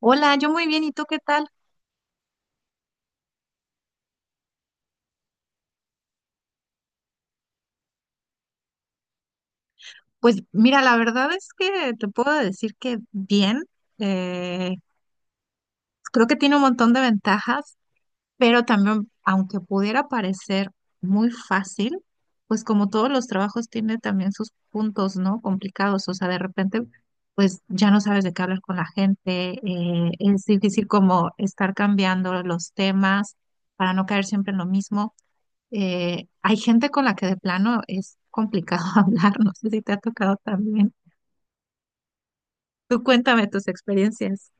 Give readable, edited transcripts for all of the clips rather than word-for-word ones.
Hola, yo muy bien, ¿y tú qué tal? Pues mira, la verdad es que te puedo decir que bien, eh, creo que tiene un montón de ventajas, pero también, aunque pudiera parecer muy fácil, pues como todos los trabajos tiene también sus puntos, ¿no? Complicados, o sea, de repente, pues ya no sabes de qué hablar con la gente, es difícil como estar cambiando los temas para no caer siempre en lo mismo. Hay gente con la que de plano es complicado hablar, no sé si te ha tocado también. Tú cuéntame tus experiencias.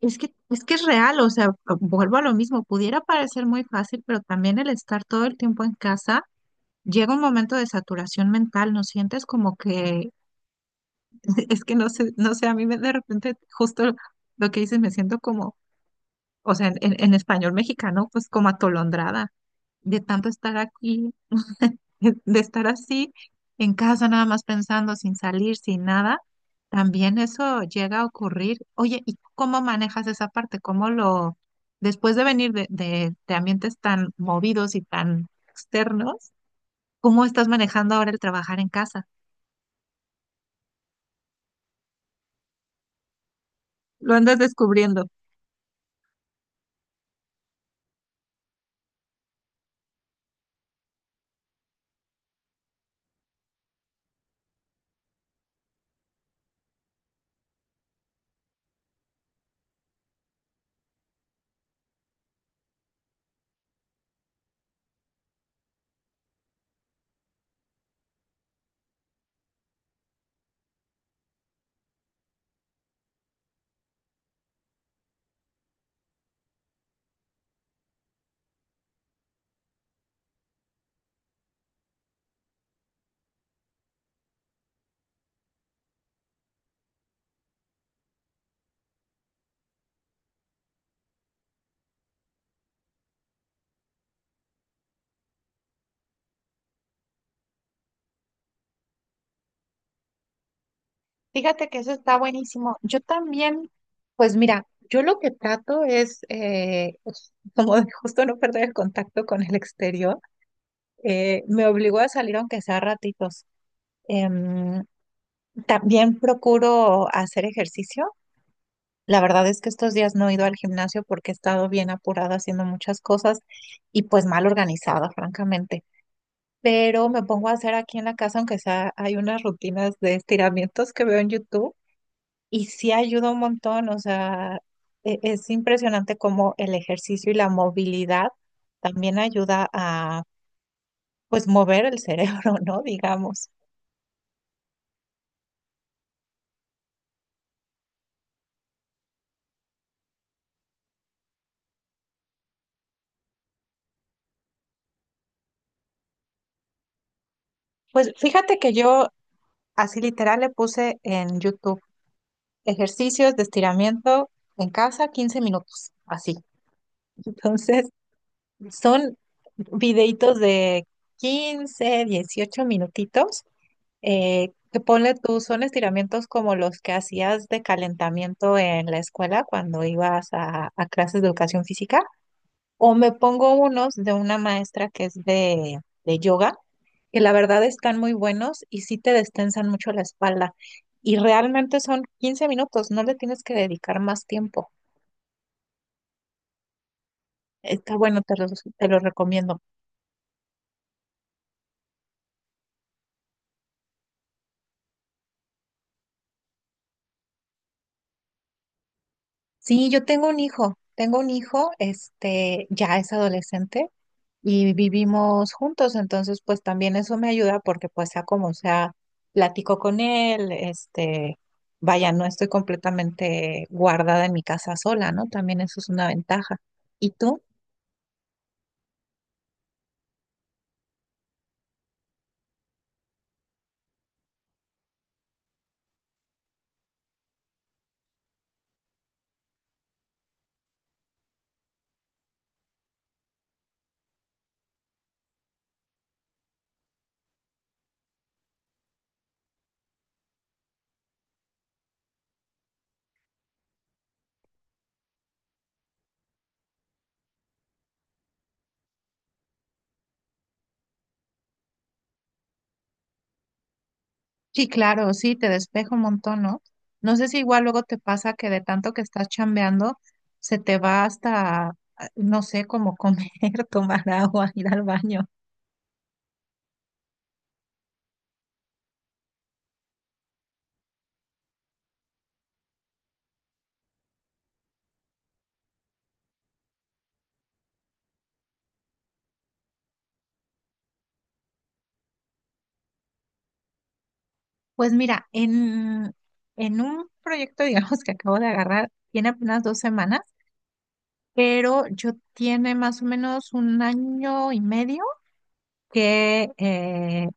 Es que es real, o sea, vuelvo a lo mismo, pudiera parecer muy fácil, pero también el estar todo el tiempo en casa, llega un momento de saturación mental, no sientes como que, es que no sé, de repente justo lo que dices, me siento como, o sea, en, en español mexicano, pues como atolondrada de tanto estar aquí de estar así en casa nada más pensando sin salir, sin nada, también eso llega a ocurrir. Oye, ¿y cómo manejas esa parte? ¿Cómo lo, después de venir de, de ambientes tan movidos y tan externos, cómo estás manejando ahora el trabajar en casa? Lo andas descubriendo. Fíjate que eso está buenísimo. Yo también, pues mira, yo lo que trato es como de justo no perder el contacto con el exterior. Me obligó a salir aunque sea ratitos. Em, también procuro hacer ejercicio. La verdad es que estos días no he ido al gimnasio porque he estado bien apurada haciendo muchas cosas y pues mal organizada, francamente. Pero me pongo a hacer aquí en la casa, aunque sea, hay unas rutinas de estiramientos que veo en YouTube y sí ayuda un montón. O sea, es impresionante cómo el ejercicio y la movilidad también ayuda a pues mover el cerebro, ¿no? Digamos. Pues fíjate que yo así literal le puse en YouTube ejercicios de estiramiento en casa 15 minutos, así. Entonces, son videitos de 15, 18 minutitos, que ponle tú, son estiramientos como los que hacías de calentamiento en la escuela cuando ibas a, clases de educación física, o me pongo unos de una maestra que es de, yoga, que la verdad están muy buenos y sí te destensan mucho la espalda. Y realmente son 15 minutos, no le tienes que dedicar más tiempo. Está bueno, te los recomiendo. Sí, yo tengo un hijo, este, ya es adolescente y vivimos juntos, entonces pues también eso me ayuda porque pues sea como sea, platico con él, este, vaya, no estoy completamente guardada en mi casa sola, ¿no? También eso es una ventaja. ¿Y tú? Sí, claro, sí, te despejo un montón, ¿no? No sé si igual luego te pasa que de tanto que estás chambeando, se te va hasta, ah, no sé, como comer, tomar agua, ir al baño. Pues mira, en, un proyecto, digamos, que acabo de agarrar, tiene apenas 2 semanas. Pero yo tiene más o menos un año y medio que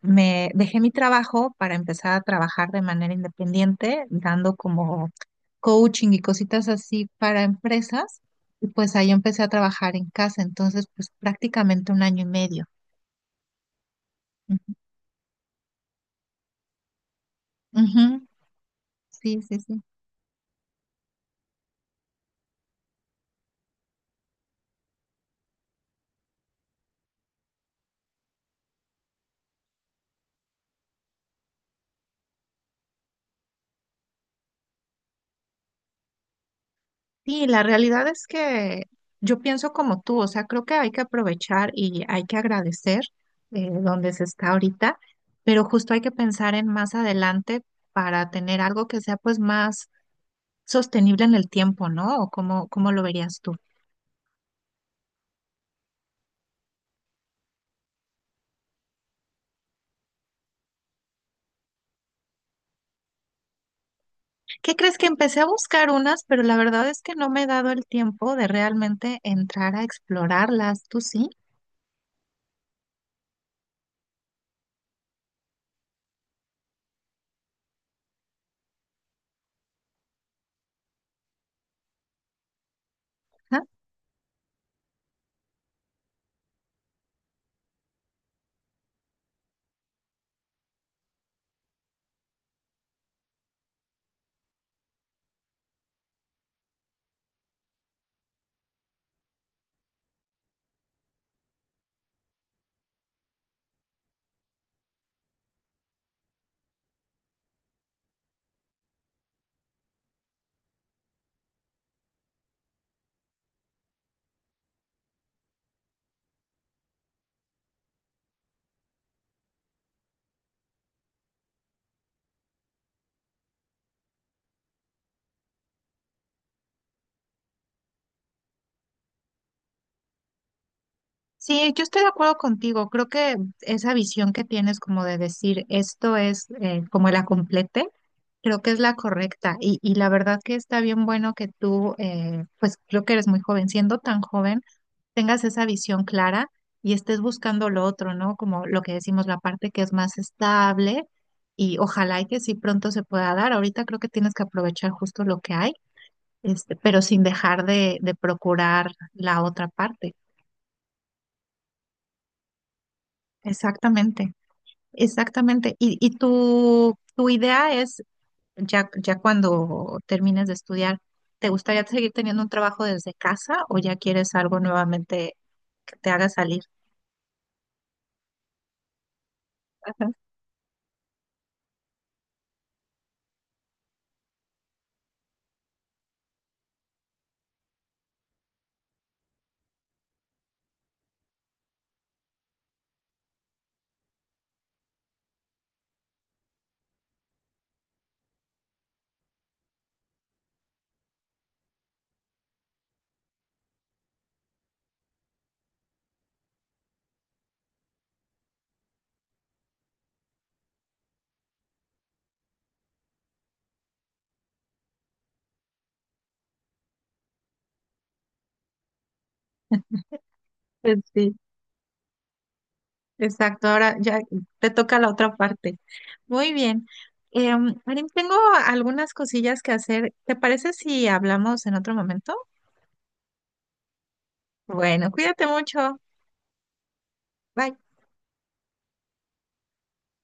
me dejé mi trabajo para empezar a trabajar de manera independiente, dando como coaching y cositas así para empresas. Y pues ahí empecé a trabajar en casa, entonces pues prácticamente un año y medio. Ujú, ujú. Sí, sí, sí. Sí, la realidad es que yo pienso como tú, o sea, creo que hay que aprovechar y hay que agradecer donde se está ahorita, pero justo hay que pensar en más adelante para tener algo que sea pues más sostenible en el tiempo, ¿no? ¿O cómo lo verías tú? ¿Qué crees que empecé a buscar unas, pero la verdad es que no me he dado el tiempo de realmente entrar a explorarlas, ¿tú sí? Ajá. Sí, yo estoy de acuerdo contigo. Creo que esa visión que tienes como de decir esto es como la complete. Creo que es la correcta y la verdad que está bien bueno que tú, pues creo que eres muy joven, siendo tan joven, tengas esa visión clara y estés buscando lo otro, ¿no? Como lo que decimos, la parte que es más estable y ojalá y que sí pronto se pueda dar. Ahorita creo que tienes que aprovechar justo lo que hay, este, pero sin dejar de, procurar la otra parte. Exactamente, exactamente. Y tu idea es ya, ya cuando termines de estudiar, ¿te gustaría seguir teniendo un trabajo desde casa o ya quieres algo nuevamente que te haga salir? Sí, exacto. Ahora ya te toca la otra parte. Muy bien. Marín, tengo algunas cosillas que hacer. ¿Te parece si hablamos en otro momento? Bueno, cuídate mucho. Bye.